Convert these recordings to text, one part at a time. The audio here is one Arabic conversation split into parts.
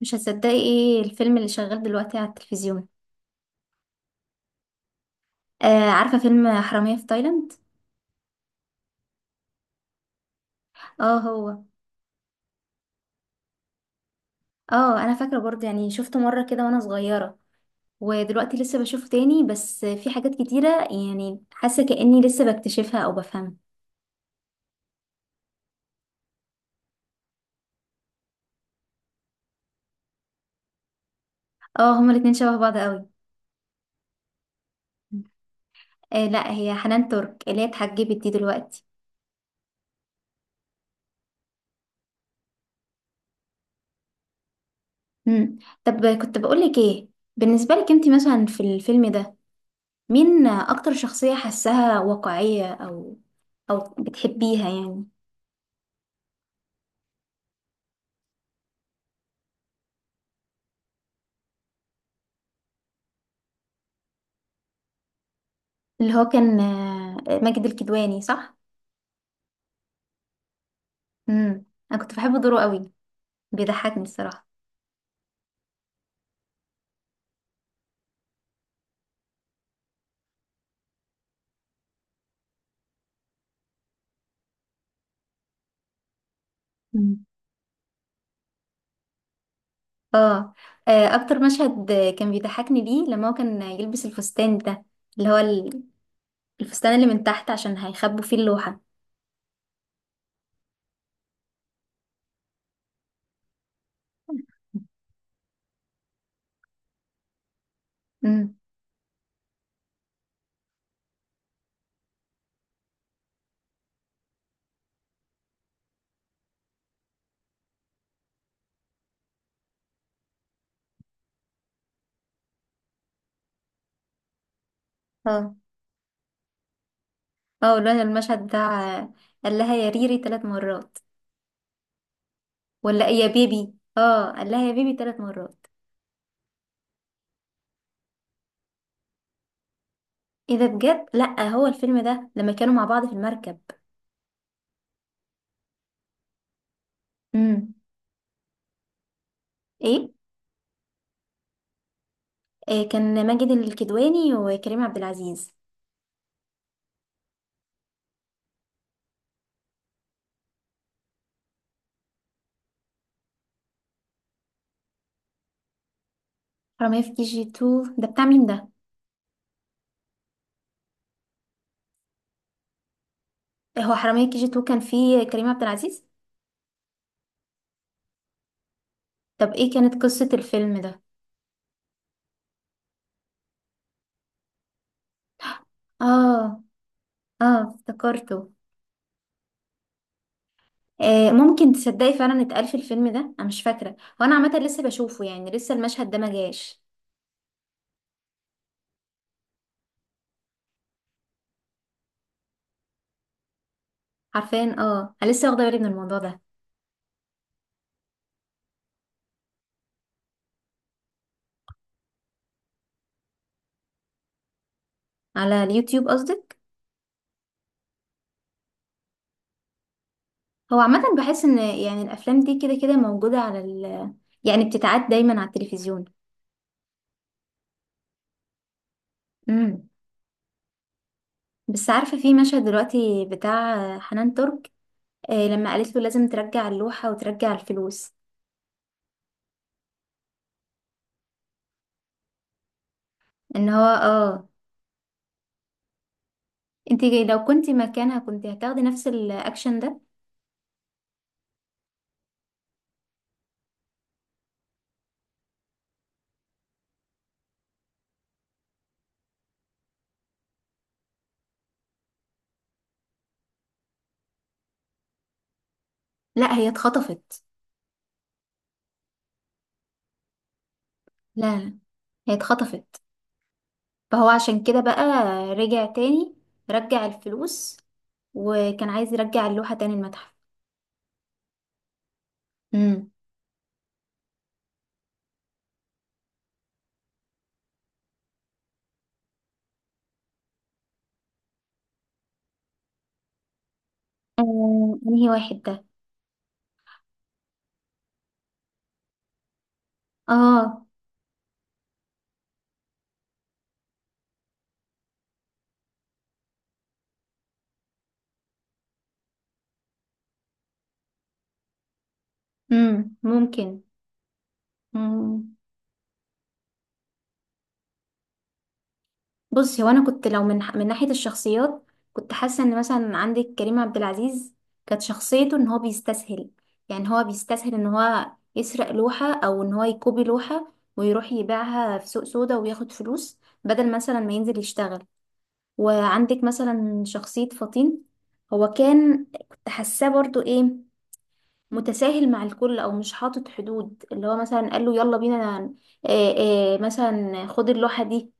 مش هتصدقي ايه الفيلم اللي شغال دلوقتي على التلفزيون؟ آه، عارفة فيلم حرامية في تايلاند. اه هو. اه، انا فاكرة برضه يعني شفته مرة كده وانا صغيرة. ودلوقتي لسه بشوفه تاني، بس في حاجات كتيرة يعني حاسة كأني لسه بكتشفها او بفهمها. اه، هما الاتنين شبه بعض قوي. آه لا، هي حنان ترك اللي هي اتحجبت دي دلوقتي. مم. طب كنت بقولك ايه؟ بالنسبة لك انت مثلا في الفيلم ده، مين اكتر شخصية حاساها واقعية او بتحبيها يعني؟ اللي هو كان ماجد الكدواني، صح؟ امم. انا كنت بحب دوره قوي. بيضحكني الصراحه. مم. اه. اكتر مشهد كان بيضحكني ليه لما هو كان يلبس الفستان ده. اللي هو الفستان اللي من تحت، عشان هيخبوا فيه اللوحه. امم. اه، اه، اللي هو المشهد بتاع قال لها يا ريري 3 مرات؟ ولا يا بيبي؟ اه، قال لها يا بيبي 3 مرات. ايه ده بجد؟ لا، هو الفيلم ده لما كانوا مع بعض في المركب. امم. ايه؟ كان ماجد الكدواني وكريم عبد العزيز. حرامية في كي جي 2 ده بتاع مين ده؟ هو حرامية في كي جي 2 كان فيه كريم عبد العزيز. طب ايه كانت قصة الفيلم ده؟ اه. اه، افتكرته. آه، ممكن تصدقي فعلا اتقال في الفيلم ده، انا مش فاكرة، وانا عامة لسه بشوفه يعني، لسه المشهد ده ما جاش. عارفين، انا لسه واخدة بالي من الموضوع ده. على اليوتيوب قصدك؟ هو عامة بحس ان يعني الافلام دي كده كده موجودة على ال، يعني بتتعاد دايما على التلفزيون. مم. بس عارفة في مشهد دلوقتي بتاع حنان ترك، لما قالت له لازم ترجع اللوحة وترجع الفلوس، ان هو، اه. انت لو كنت مكانها كنت هتاخدي نفس الاكشن ده؟ لا، هي اتخطفت. لا لا، هي اتخطفت. فهو عشان كده بقى رجع تاني، رجع الفلوس، وكان عايز يرجع اللوحة تاني المتحف. امم. آه، انهي واحد ده؟ اه. امم، ممكن. بصي، هو انا كنت لو من ناحيه الشخصيات، كنت حاسه ان مثلا عندك كريم عبد العزيز كانت شخصيته ان هو بيستسهل، يعني هو بيستسهل ان هو يسرق لوحه او ان هو يكوبي لوحه ويروح يبيعها في سوق سودا وياخد فلوس، بدل مثلا ما ينزل يشتغل. وعندك مثلا شخصيه فطين، هو كان، كنت حاساه برضو ايه، متساهل مع الكل او مش حاطط حدود. اللي هو مثلا قال له يلا بينا، مثلا خد اللوحه دي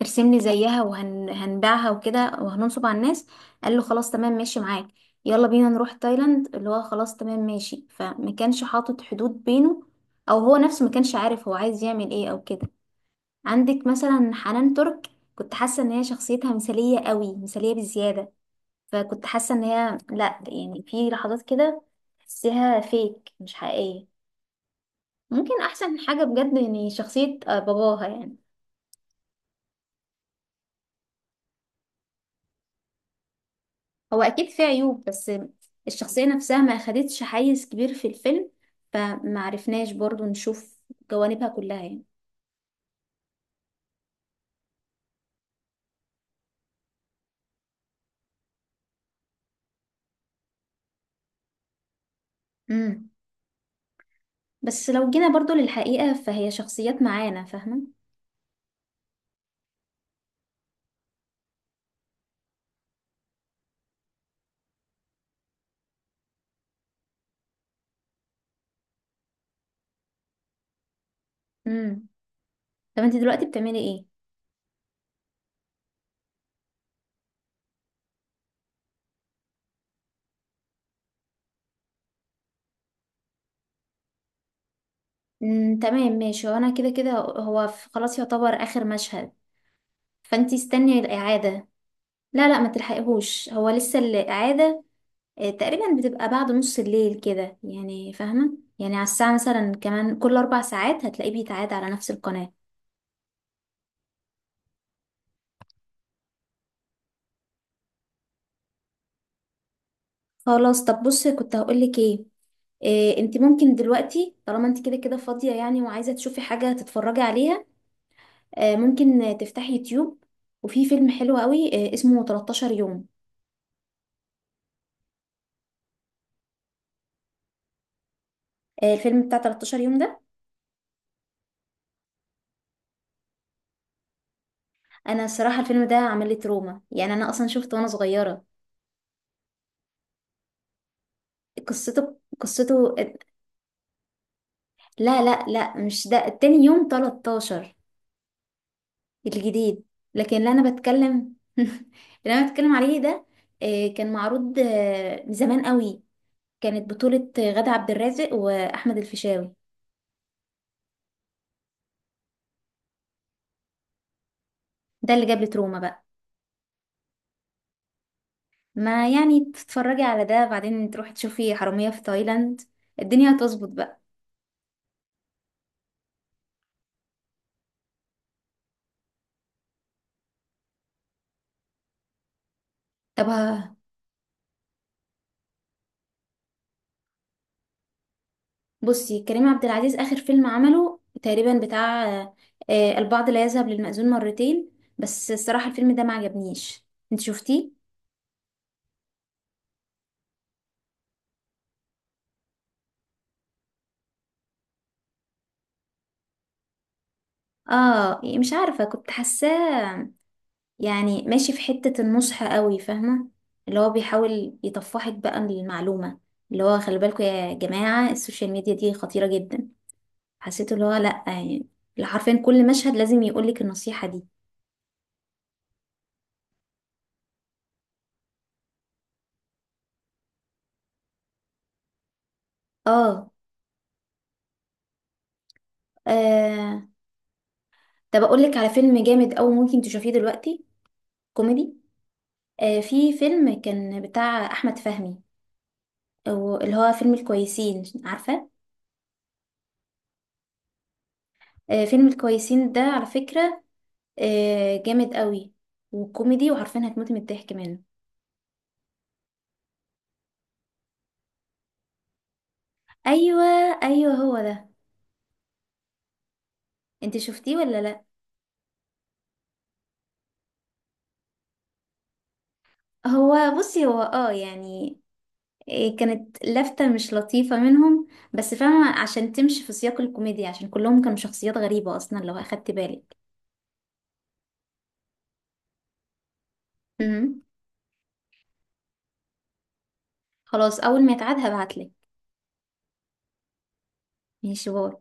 ترسم لي زيها وهنبيعها وكده وهننصب على الناس، قال له خلاص تمام ماشي معاك. يلا بينا نروح تايلاند، اللي هو خلاص تمام ماشي، فما كانش حاطط حدود بينه، او هو نفسه ما كانش عارف هو عايز يعمل ايه او كده. عندك مثلا حنان ترك، كنت حاسه ان هي شخصيتها مثاليه قوي، مثاليه بزياده، فكنت حاسه ان هي، لا يعني، في لحظات كده تحسيها فيك مش حقيقيه. ممكن احسن حاجه بجد يعني شخصيه باباها يعني. هو اكيد فيه عيوب، بس الشخصية نفسها ما اخدتش حيز كبير في الفيلم، فما عرفناش برضو نشوف جوانبها كلها يعني. امم. بس لو جينا برضو للحقيقة، فهي شخصيات معانا، فاهمة. امم. طب انت دلوقتي بتعملي ايه؟ امم، تمام، ماشي. وانا كده كده هو خلاص يعتبر اخر مشهد، فانت استني الاعادة. لا لا، ما تلحقيهوش، هو لسه الاعادة تقريبا بتبقى بعد نص الليل كده يعني، فاهمة؟ يعني على الساعة مثلا، كمان كل 4 ساعات هتلاقيه بيتعاد على نفس القناة. خلاص. طب بصي، كنت هقولك ايه، إيه انت ممكن دلوقتي طالما انت كده كده فاضية يعني، وعايزة تشوفي حاجة تتفرجي عليها، ممكن تفتحي يوتيوب. وفي فيلم حلو قوي اسمه 13 يوم. الفيلم بتاع 13 يوم ده، انا الصراحة الفيلم ده عمل لي تروما يعني. انا اصلا شفته وانا صغيرة. قصته. لا لا لا، مش ده، التاني يوم 13 الجديد. لكن اللي انا بتكلم اللي انا بتكلم عليه ده كان معروض من زمان قوي. كانت بطولة غادة عبد الرازق واحمد الفيشاوي. ده اللي جاب لي تروما بقى. ما يعني تتفرجي على ده، بعدين تروحي تشوفي حرامية في تايلاند، الدنيا هتظبط بقى. طب بصي، كريم عبد العزيز اخر فيلم عمله تقريبا بتاع البعض لا يذهب للمأذون مرتين. بس الصراحة الفيلم ده ما عجبنيش. انت شفتيه؟ اه، مش عارفة، كنت حاساه يعني ماشي في حتة النصح قوي، فاهمة؟ اللي هو بيحاول يطفحك بقى المعلومة، اللي هو خلي بالكم يا جماعة السوشيال ميديا دي خطيرة جدا. حسيت اللي هو لأ يعني، اللي حرفيا كل مشهد لازم يقولك النصيحة دي. اه. آه، طب أقولك على فيلم جامد أوي ممكن تشوفيه دلوقتي، كوميدي. في فيلم كان بتاع أحمد فهمي، أو اللي هو فيلم الكويسين، عارفة؟ آه، فيلم الكويسين ده على فكرة جامد قوي وكوميدي، وعارفين هتموت من الضحك منه. ايوه. ايوه هو ده. انت شفتيه ولا لا؟ هو بصي، هو يعني إيه، كانت لفتة مش لطيفة منهم. بس فاهمة، عشان تمشي في سياق الكوميديا، عشان كلهم كانوا شخصيات غريبة اصلا لو اخدت بالك. امم. خلاص، اول ما يتعاد هبعتلك. ماشي، باي.